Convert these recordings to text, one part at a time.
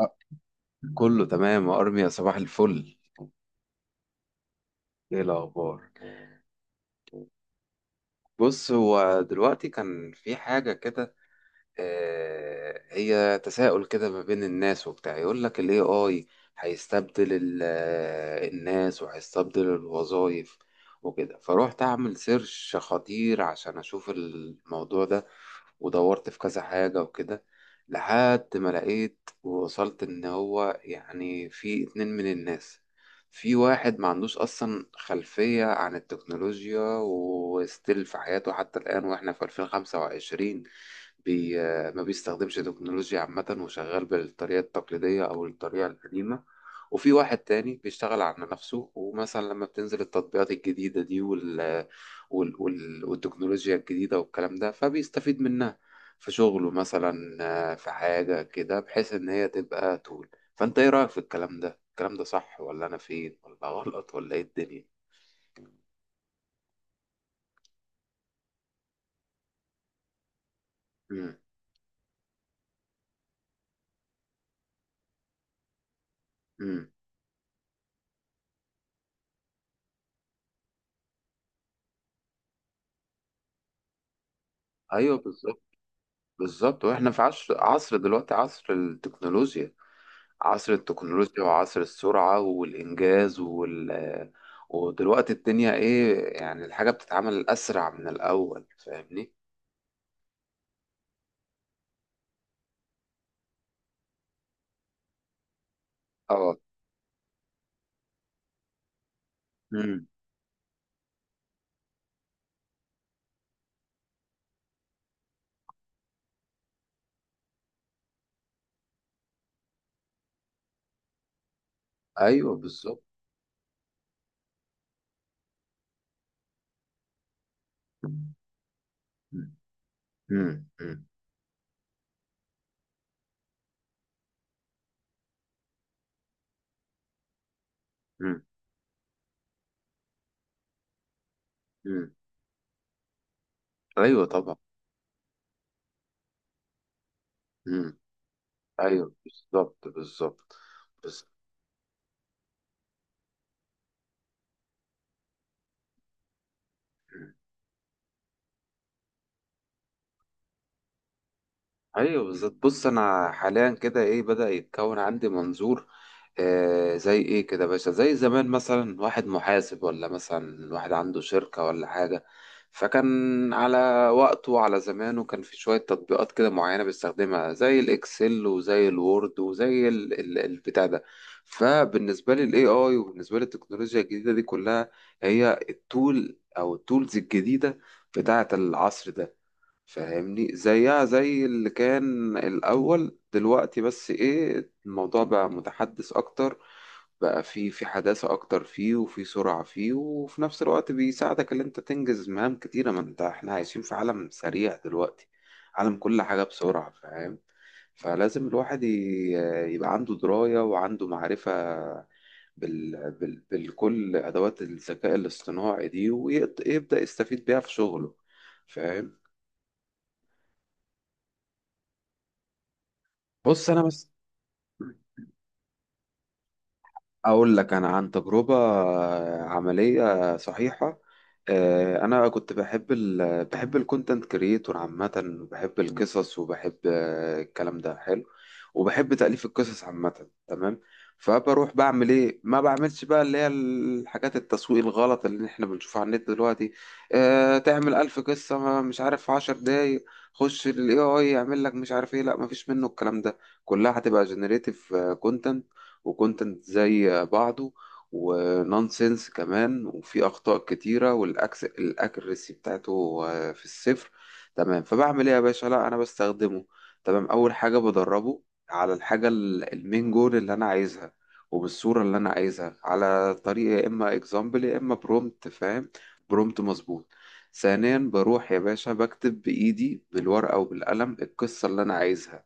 أه، كله تمام يا ارميا، صباح الفل. ايه الاخبار؟ بص، هو دلوقتي كان في حاجه كده. هي تساؤل كده ما بين الناس وبتاع، يقول لك ال AI هيستبدل الناس وهيستبدل الوظائف وكده. فروحت أعمل سيرش خطير عشان أشوف الموضوع ده، ودورت في كذا حاجة وكده لحد ما لقيت ووصلت إن هو يعني في اتنين من الناس. في واحد ما عندوش أصلا خلفية عن التكنولوجيا، وستيل في حياته حتى الآن، وإحنا في 2025، بي ما بيستخدمش تكنولوجيا عامة وشغال بالطريقة التقليدية أو الطريقة القديمة. وفي واحد تاني بيشتغل على نفسه، ومثلا لما بتنزل التطبيقات الجديدة دي والتكنولوجيا الجديدة والكلام ده، فبيستفيد منها في شغله مثلا. في حاجة كده بحيث إن هي تبقى طول. فأنت إيه رأيك في الكلام ده؟ الكلام ده صح، ولا أنا فين، ولا غلط، ولا إيه الدنيا؟ مم. مم. أيوه بالظبط. بالظبط، وإحنا في عصر دلوقتي، عصر التكنولوجيا. عصر التكنولوجيا وعصر السرعة والإنجاز ودلوقتي الدنيا إيه، يعني الحاجة بتتعمل أسرع من الأول، فاهمني؟ اه. امم. أيوه بالظبط. امم. امم. امم. امم. أيوه طبعا. امم. أيوه بالظبط. بالظبط. بالظبط. ايوه بالظبط. بص، انا حاليا كده ايه، بدأ يتكون عندي منظور. آه، زي ايه كده يا باشا، زي زمان مثلا واحد محاسب، ولا مثلا واحد عنده شركة ولا حاجة، فكان على وقته وعلى زمانه كان في شوية تطبيقات كده معينة بيستخدمها، زي الاكسل وزي الوورد وزي البتاع ده. فبالنسبة لي الاي اي، وبالنسبة لي التكنولوجيا الجديدة دي كلها، هي التول او التولز الجديدة بتاعة العصر ده. فاهمني؟ زيها زي اللي كان الأول دلوقتي، بس إيه، الموضوع بقى متحدث أكتر، بقى في حداثة أكتر فيه وفي سرعة فيه، وفي نفس الوقت بيساعدك إن أنت تنجز مهام كتيرة، ما أنت إحنا عايشين في عالم سريع دلوقتي، عالم كل حاجة بسرعة، فاهم؟ فلازم الواحد يبقى عنده دراية وعنده معرفة بالكل أدوات الذكاء الاصطناعي دي، ويبدأ يستفيد بيها في شغله، فاهم؟ بص، أنا بس أقول لك أنا عن تجربة عملية صحيحة. أنا كنت بحب بحب الكونتنت كريتور عامة، وبحب القصص، وبحب الكلام ده حلو، وبحب تأليف القصص عامة، تمام. فبروح بعمل إيه؟ ما بعملش بقى اللي هي الحاجات التسويق الغلط اللي إحنا بنشوفها على النت دلوقتي. تعمل ألف قصة، مش عارف، في عشر دقايق. خش ال AI يعمل لك مش عارف إيه. لا، مفيش منه الكلام ده، كلها هتبقى جنريتيف كونتنت، وكونتنت زي بعضه، ونونسنس كمان، وفي أخطاء كتيرة، والأكس الأكريسي بتاعته في الصفر. تمام، فبعمل إيه يا باشا؟ لا، أنا بستخدمه. تمام، أول حاجة بدربه على الحاجة المين جول اللي أنا عايزها، وبالصورة اللي أنا عايزها، على طريقة يا إما إكزامبل يا إما برومت، فاهم؟ برومت مظبوط. ثانيا، بروح يا باشا بكتب بإيدي بالورقة وبالقلم القصة اللي أنا عايزها،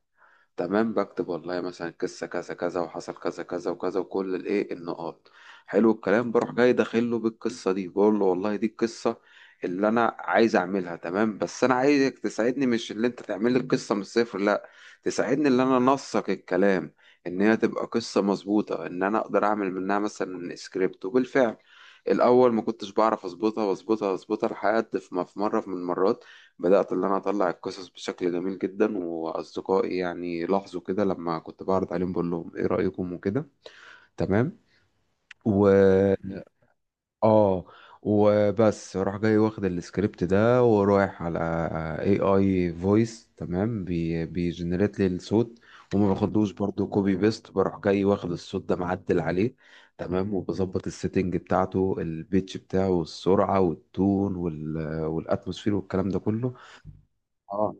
تمام. بكتب والله مثلا قصة كذا كذا وحصل كذا كذا وكذا، وكل الايه النقاط. حلو الكلام، بروح جاي داخله بالقصة دي، بقول له والله دي القصة اللي انا عايز اعملها، تمام، بس انا عايزك تساعدني، مش اللي انت تعمل لي القصة من الصفر، لا، تساعدني اللي انا انسق الكلام، ان هي تبقى قصة مظبوطة، ان انا اقدر اعمل منها مثلا سكريبت. وبالفعل، الاول ما كنتش بعرف اظبطها واظبطها واظبطها، لحد في ما في مرة من المرات بدأت اللي أنا أطلع القصص بشكل جميل جدا، وأصدقائي يعني لاحظوا كده لما كنت بعرض عليهم، بقول لهم إيه رأيكم وكده، تمام. و آه وبس راح جاي واخد السكريبت ده ورايح على اي اي فويس، تمام، بي بيجنريت لي الصوت، وما باخدوش برضو كوبي بيست، بروح جاي واخد الصوت ده معدل عليه، تمام، وبظبط السيتنج بتاعته، البيتش بتاعه والسرعة والتون والاتموسفير والكلام ده كله. اه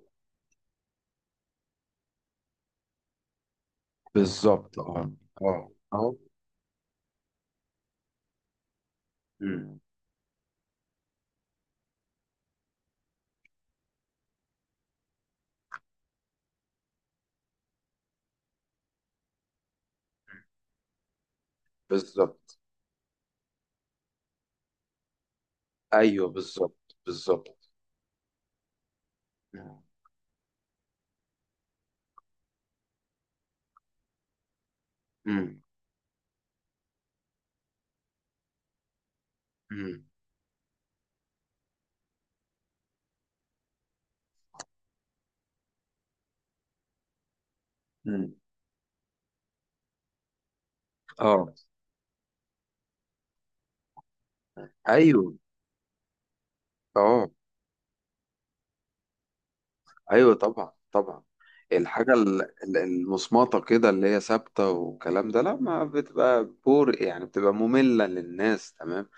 بالظبط. اه. اه اهو. مم. بالظبط. ايوه بالظبط بالظبط. مم. مم. مم. مم. اه. ايوه. اه. ايوه طبعا طبعا. الحاجه المصمطه كده اللي هي ثابته والكلام ده، لا ما بتبقى بور، يعني بتبقى ممله للناس، تمام.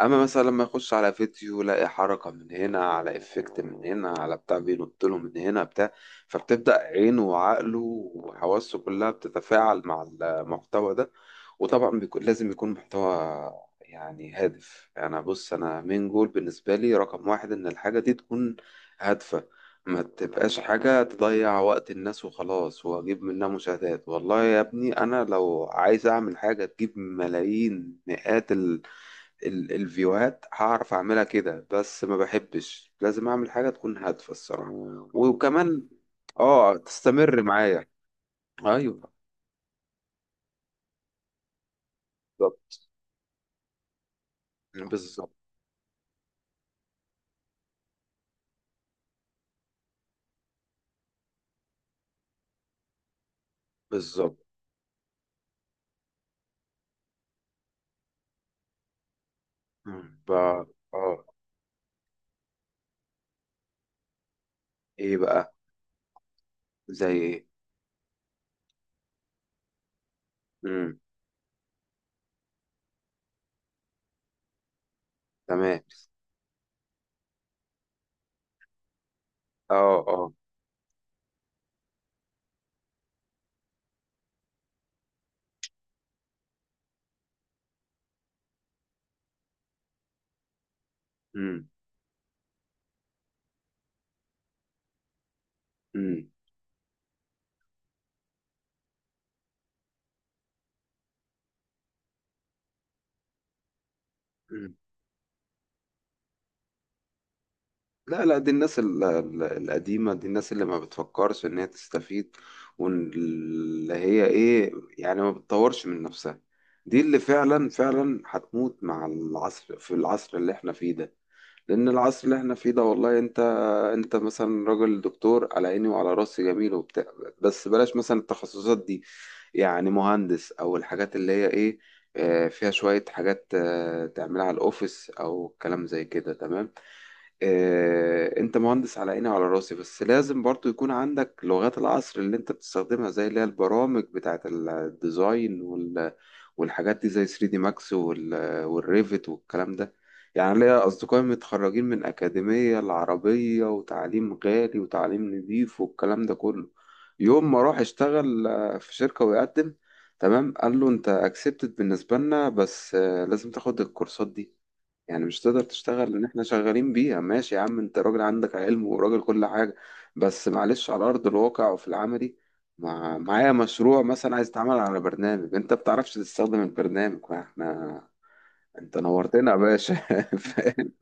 اما مثلا لما يخش على فيديو، لاقي حركه من هنا، على افكت من هنا، على بتاع بينط له من هنا بتاع، فبتبدا عينه وعقله وحواسه كلها بتتفاعل مع المحتوى ده. وطبعا بيكون لازم يكون محتوى يعني هادف. انا بص، انا مين جول بالنسبه لي رقم واحد، ان الحاجه دي تكون هادفه، ما تبقاش حاجه تضيع وقت الناس وخلاص واجيب منها مشاهدات. والله يا ابني، انا لو عايز اعمل حاجه تجيب ملايين مئات ال الفيوهات هعرف اعملها كده، بس ما بحبش، لازم اعمل حاجه تكون هادفه الصراحه. وكمان اه، تستمر معايا. ايوه بالظبط بالظبط بالظبط. مم. ف اه ايه بقى؟ زي ايه؟ امم. تمام. اه. اه. امم. امم. امم. لا لا، دي الناس القديمة دي، الناس اللي ما بتفكرش ان هي تستفيد، واللي هي ايه، يعني ما بتطورش من نفسها. دي اللي فعلا فعلا هتموت مع العصر، في العصر اللي احنا فيه ده. لان العصر اللي احنا فيه ده والله، انت انت مثلا راجل دكتور، على عيني وعلى راسي جميل وبتاع. بس بلاش مثلا التخصصات دي، يعني مهندس او الحاجات اللي هي ايه، فيها شوية حاجات تعملها على الاوفيس او كلام زي كده، تمام. انت مهندس على عيني وعلى راسي، بس لازم برضو يكون عندك لغات العصر اللي انت بتستخدمها، زي اللي هي البرامج بتاعت الديزاين والحاجات دي زي 3 دي ماكس والريفت والكلام ده. يعني ليا اصدقائي متخرجين من اكاديمية العربية، وتعليم غالي وتعليم نظيف والكلام ده كله. يوم ما راح اشتغل في شركة ويقدم، تمام، قال له انت اكسبتد بالنسبة لنا، بس لازم تاخد الكورسات دي، يعني مش تقدر تشتغل لان احنا شغالين بيها. ماشي يا عم، انت راجل عندك علم وراجل كل حاجة، بس معلش، على ارض الواقع وفي العملي معايا مشروع مثلا عايز اتعمل على برنامج، انت بتعرفش تستخدم البرنامج، ما احنا انت نورتنا يا باشا. فاهم؟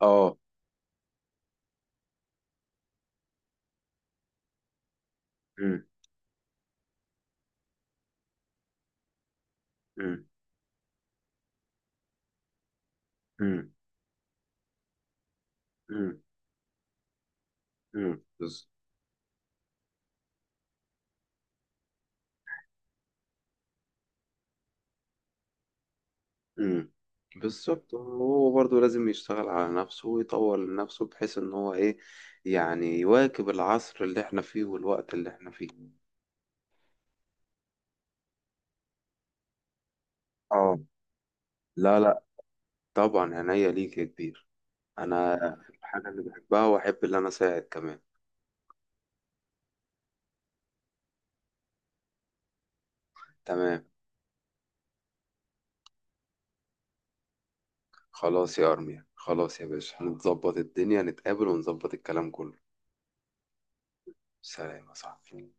اه. أمم. أمم. أمم. أمم. أمم. أمم. بالظبط، هو برضه لازم يشتغل على نفسه ويطور من نفسه، بحيث ان هو ايه، يعني يواكب العصر اللي احنا فيه والوقت اللي احنا فيه. اه. لا لا. طبعا، عينيا ليك يا كبير. انا الحاجه اللي بحبها، واحب اللي انا اساعد كمان، تمام. خلاص يا ارميا، خلاص يا باشا، نتظبط الدنيا، نتقابل ونظبط الكلام كله. سلام يا صاحبي.